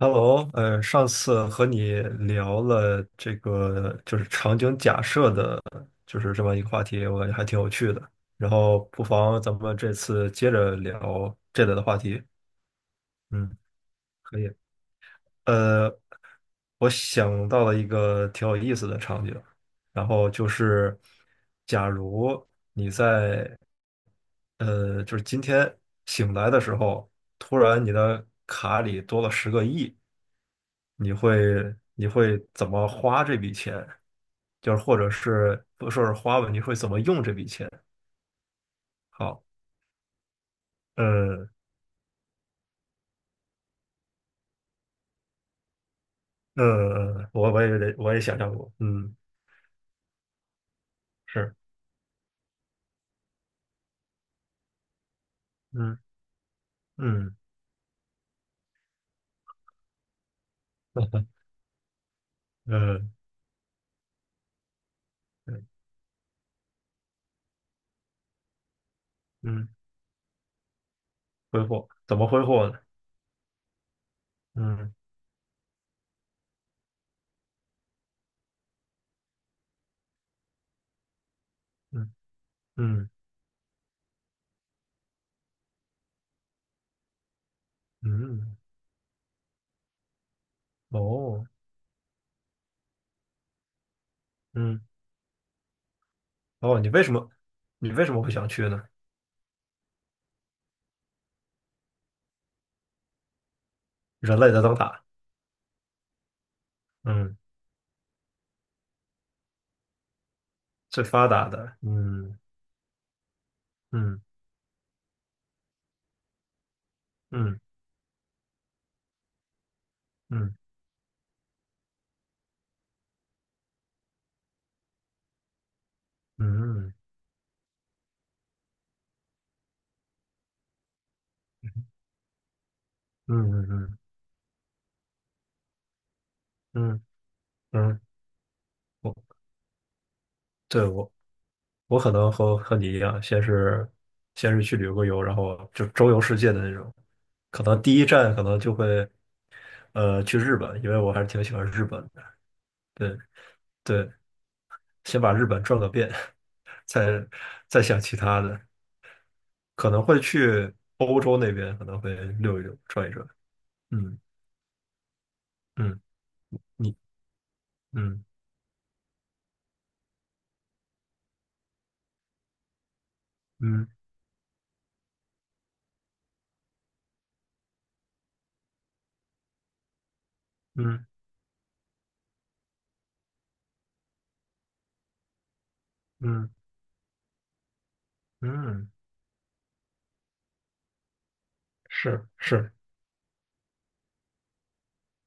Hello，上次和你聊了这个就是场景假设的，就是这么一个话题，我感觉还挺有趣的。然后不妨咱们这次接着聊这类的话题。嗯，可以。呃，我想到了一个挺有意思的场景，然后就是，假如你在就是今天醒来的时候，突然你的卡里多了十个亿。你会怎么花这笔钱？就是或者是不说是花吧，你会怎么用这笔钱？好，嗯嗯，我也想象过，嗯，是，嗯嗯嗯嗯 嗯，挥霍怎么挥霍呢？嗯嗯嗯嗯，哦，嗯哦，你为什么会想去呢？人类的灯塔，嗯，最发达的，嗯嗯嗯嗯嗯嗯嗯嗯嗯嗯嗯嗯。我对我我可能和你一样，先是去旅个游，然后就周游世界的那种。可能第一站可能就会去日本，因为我还是挺喜欢日本的。对对，先把日本转个遍，再再想其他的。可能会去欧洲那边，可能会溜一溜，转一转。嗯嗯，你嗯嗯嗯嗯嗯，是是，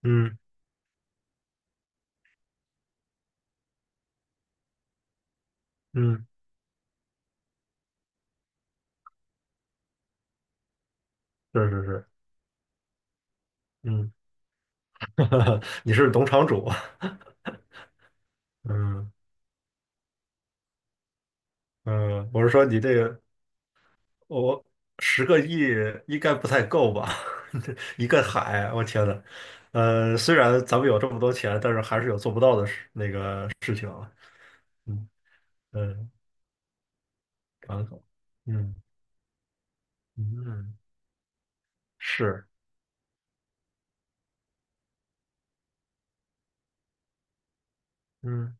嗯嗯是是是，嗯，你是农场主。嗯嗯，我是说你这个，我十个亿应该不太够吧？一个海，我天呐，虽然咱们有这么多钱，但是还是有做不到的事那个事情啊嗯嗯，港口，嗯嗯是，嗯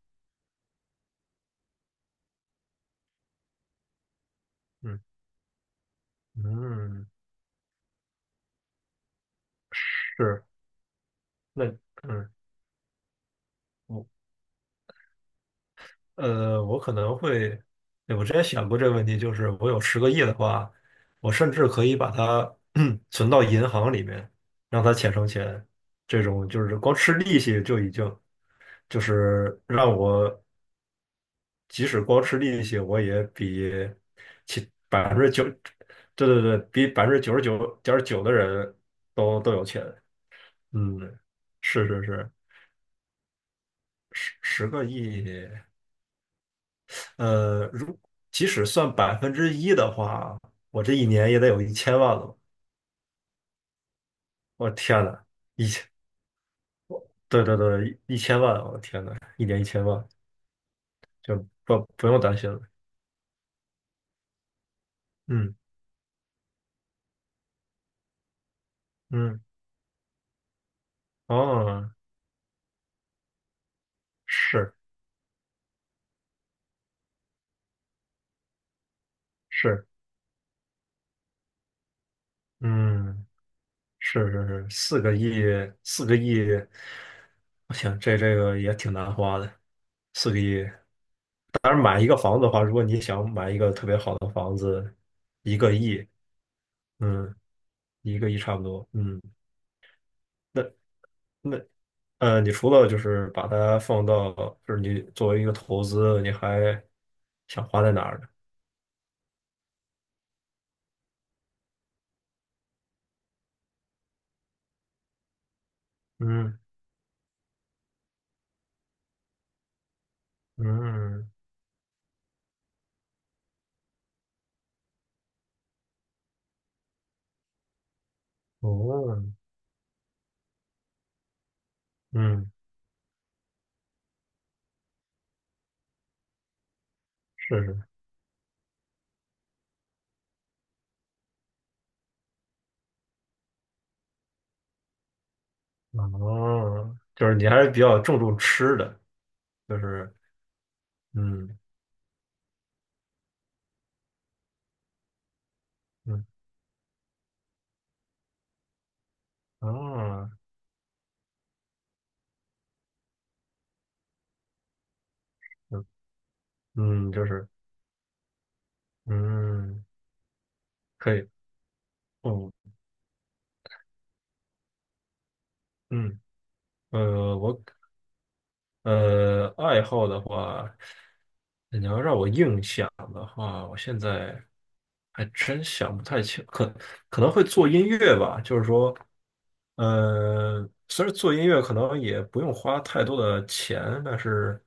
嗯嗯是，那嗯，我我可能会，对我之前想过这个问题，就是我有十个亿的话，我甚至可以把它 存到银行里面，让它钱生钱。这种就是光吃利息就已经，就是让我即使光吃利息，我也比其百分之九，对对对，比99.9%的人都有钱。嗯，是是是，十个亿。呃，如即使算1%的话，我这一年也得有一千万了。我天呐，一千，对对对，一千万！我天呐，一年一千万，就不用担心了。嗯嗯，哦，是是，嗯，是是是，四个亿，四个亿，我想这个也挺难花的，四个亿。当然，买一个房子的话，如果你想买一个特别好的房子，一个亿，嗯，一个亿差不多，嗯。那那呃，你除了就是把它放到，就是你作为一个投资，你还想花在哪儿呢？嗯嗯哦嗯，是是哦，就是你还是比较注重吃的，就是嗯嗯哦嗯嗯，就是嗯可以哦嗯我，爱好的话，你要让我硬想的话，我现在还真想不太清，可能会做音乐吧。就是说，虽然做音乐可能也不用花太多的钱，但是，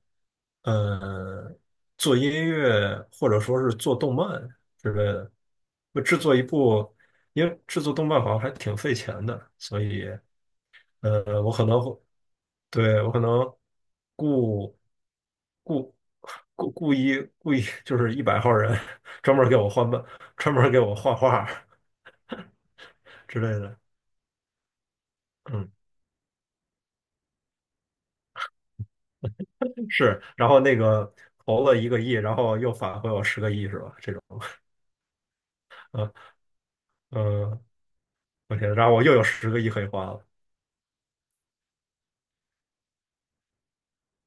呃，做音乐或者说是做动漫之类的，我制作一部，因为制作动漫好像还挺费钱的，所以。对，我可能故故故意就是100号人，专门儿给我换漫，专门儿给我画画儿 之类的。嗯，是。然后那个投了一个亿，然后又返回我十个亿，是吧？这种，嗯嗯，我天，然后我又有十个亿可以花了。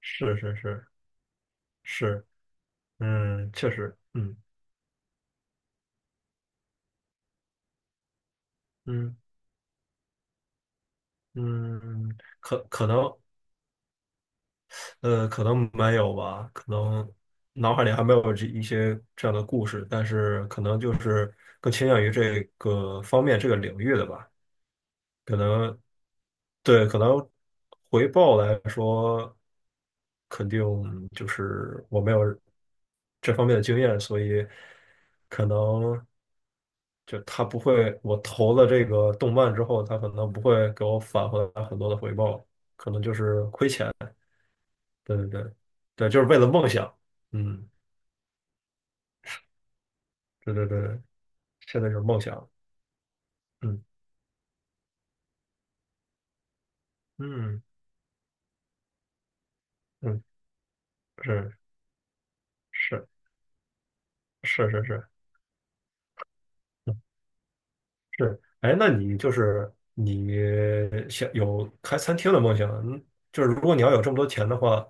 是是是是，嗯，确实，嗯嗯嗯，可能。可能没有吧，可能脑海里还没有这一些这样的故事，但是可能就是更倾向于这个方面这个领域的吧。可能对，可能回报来说，肯定就是我没有这方面的经验，所以可能就他不会，我投了这个动漫之后，他可能不会给我返回来很多的回报，可能就是亏钱。对对对，对，就是为了梦想。嗯，对对对对，现在就是梦想。嗯嗯嗯，是是是是是，嗯是。哎，那你就是你想有开餐厅的梦想？嗯，就是如果你要有这么多钱的话，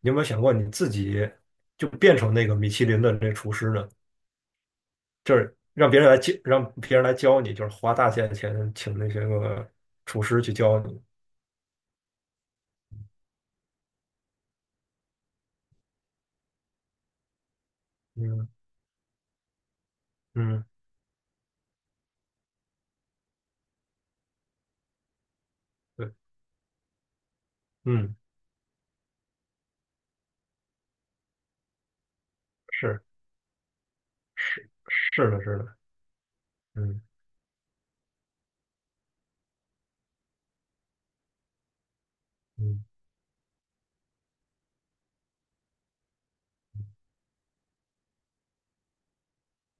你有没有想过你自己就变成那个米其林的那厨师呢？就是让别人来教，让别人来教你，就是花大价钱请那些个厨师去教你。嗯嗯，对，嗯，是是是的，是的。嗯嗯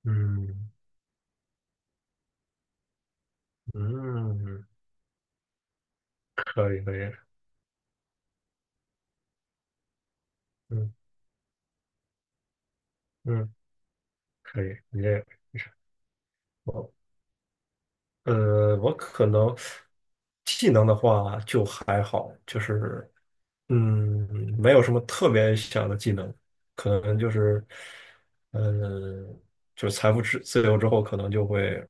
嗯嗯，可以可以，嗯嗯可以，你这我呃，我可能技能的话就还好，就是嗯，没有什么特别想的技能，可能就是嗯，就是财富自由之后，可能就会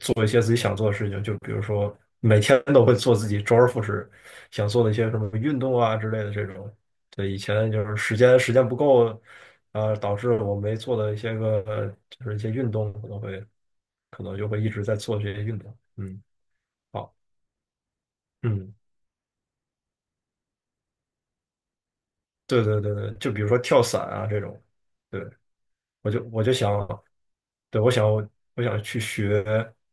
做一些自己想做的事情，就比如说每天都会做自己周而复始想做的一些什么运动啊之类的这种。对，以前就是时间不够，啊，导致我没做的一些个就是一些运动，可能就会一直在做这些运动。嗯，好，嗯，对对对对，就比如说跳伞啊这种，对。我就想，对，我想去学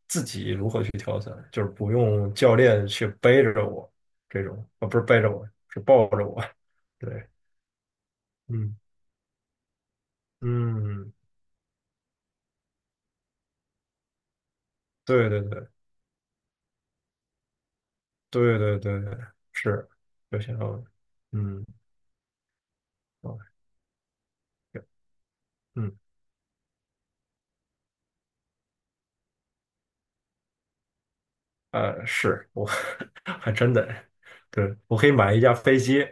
自己如何去跳伞，就是不用教练去背着我这种，啊，不是背着我，是抱着我。对，嗯嗯，对对对对对对对，是，就想要，嗯啊，嗯是我 还真的，对，我可以买一架飞机，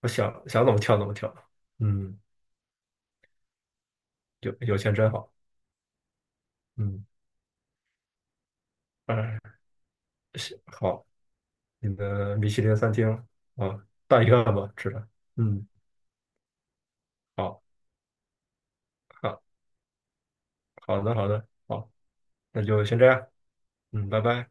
我想想怎么跳怎么跳，嗯，有钱真好，嗯，哎，行好。你的米其林餐厅啊，大一拌吧，吃的。嗯，好，好，好的，好的，好，那就先这样。嗯，拜拜。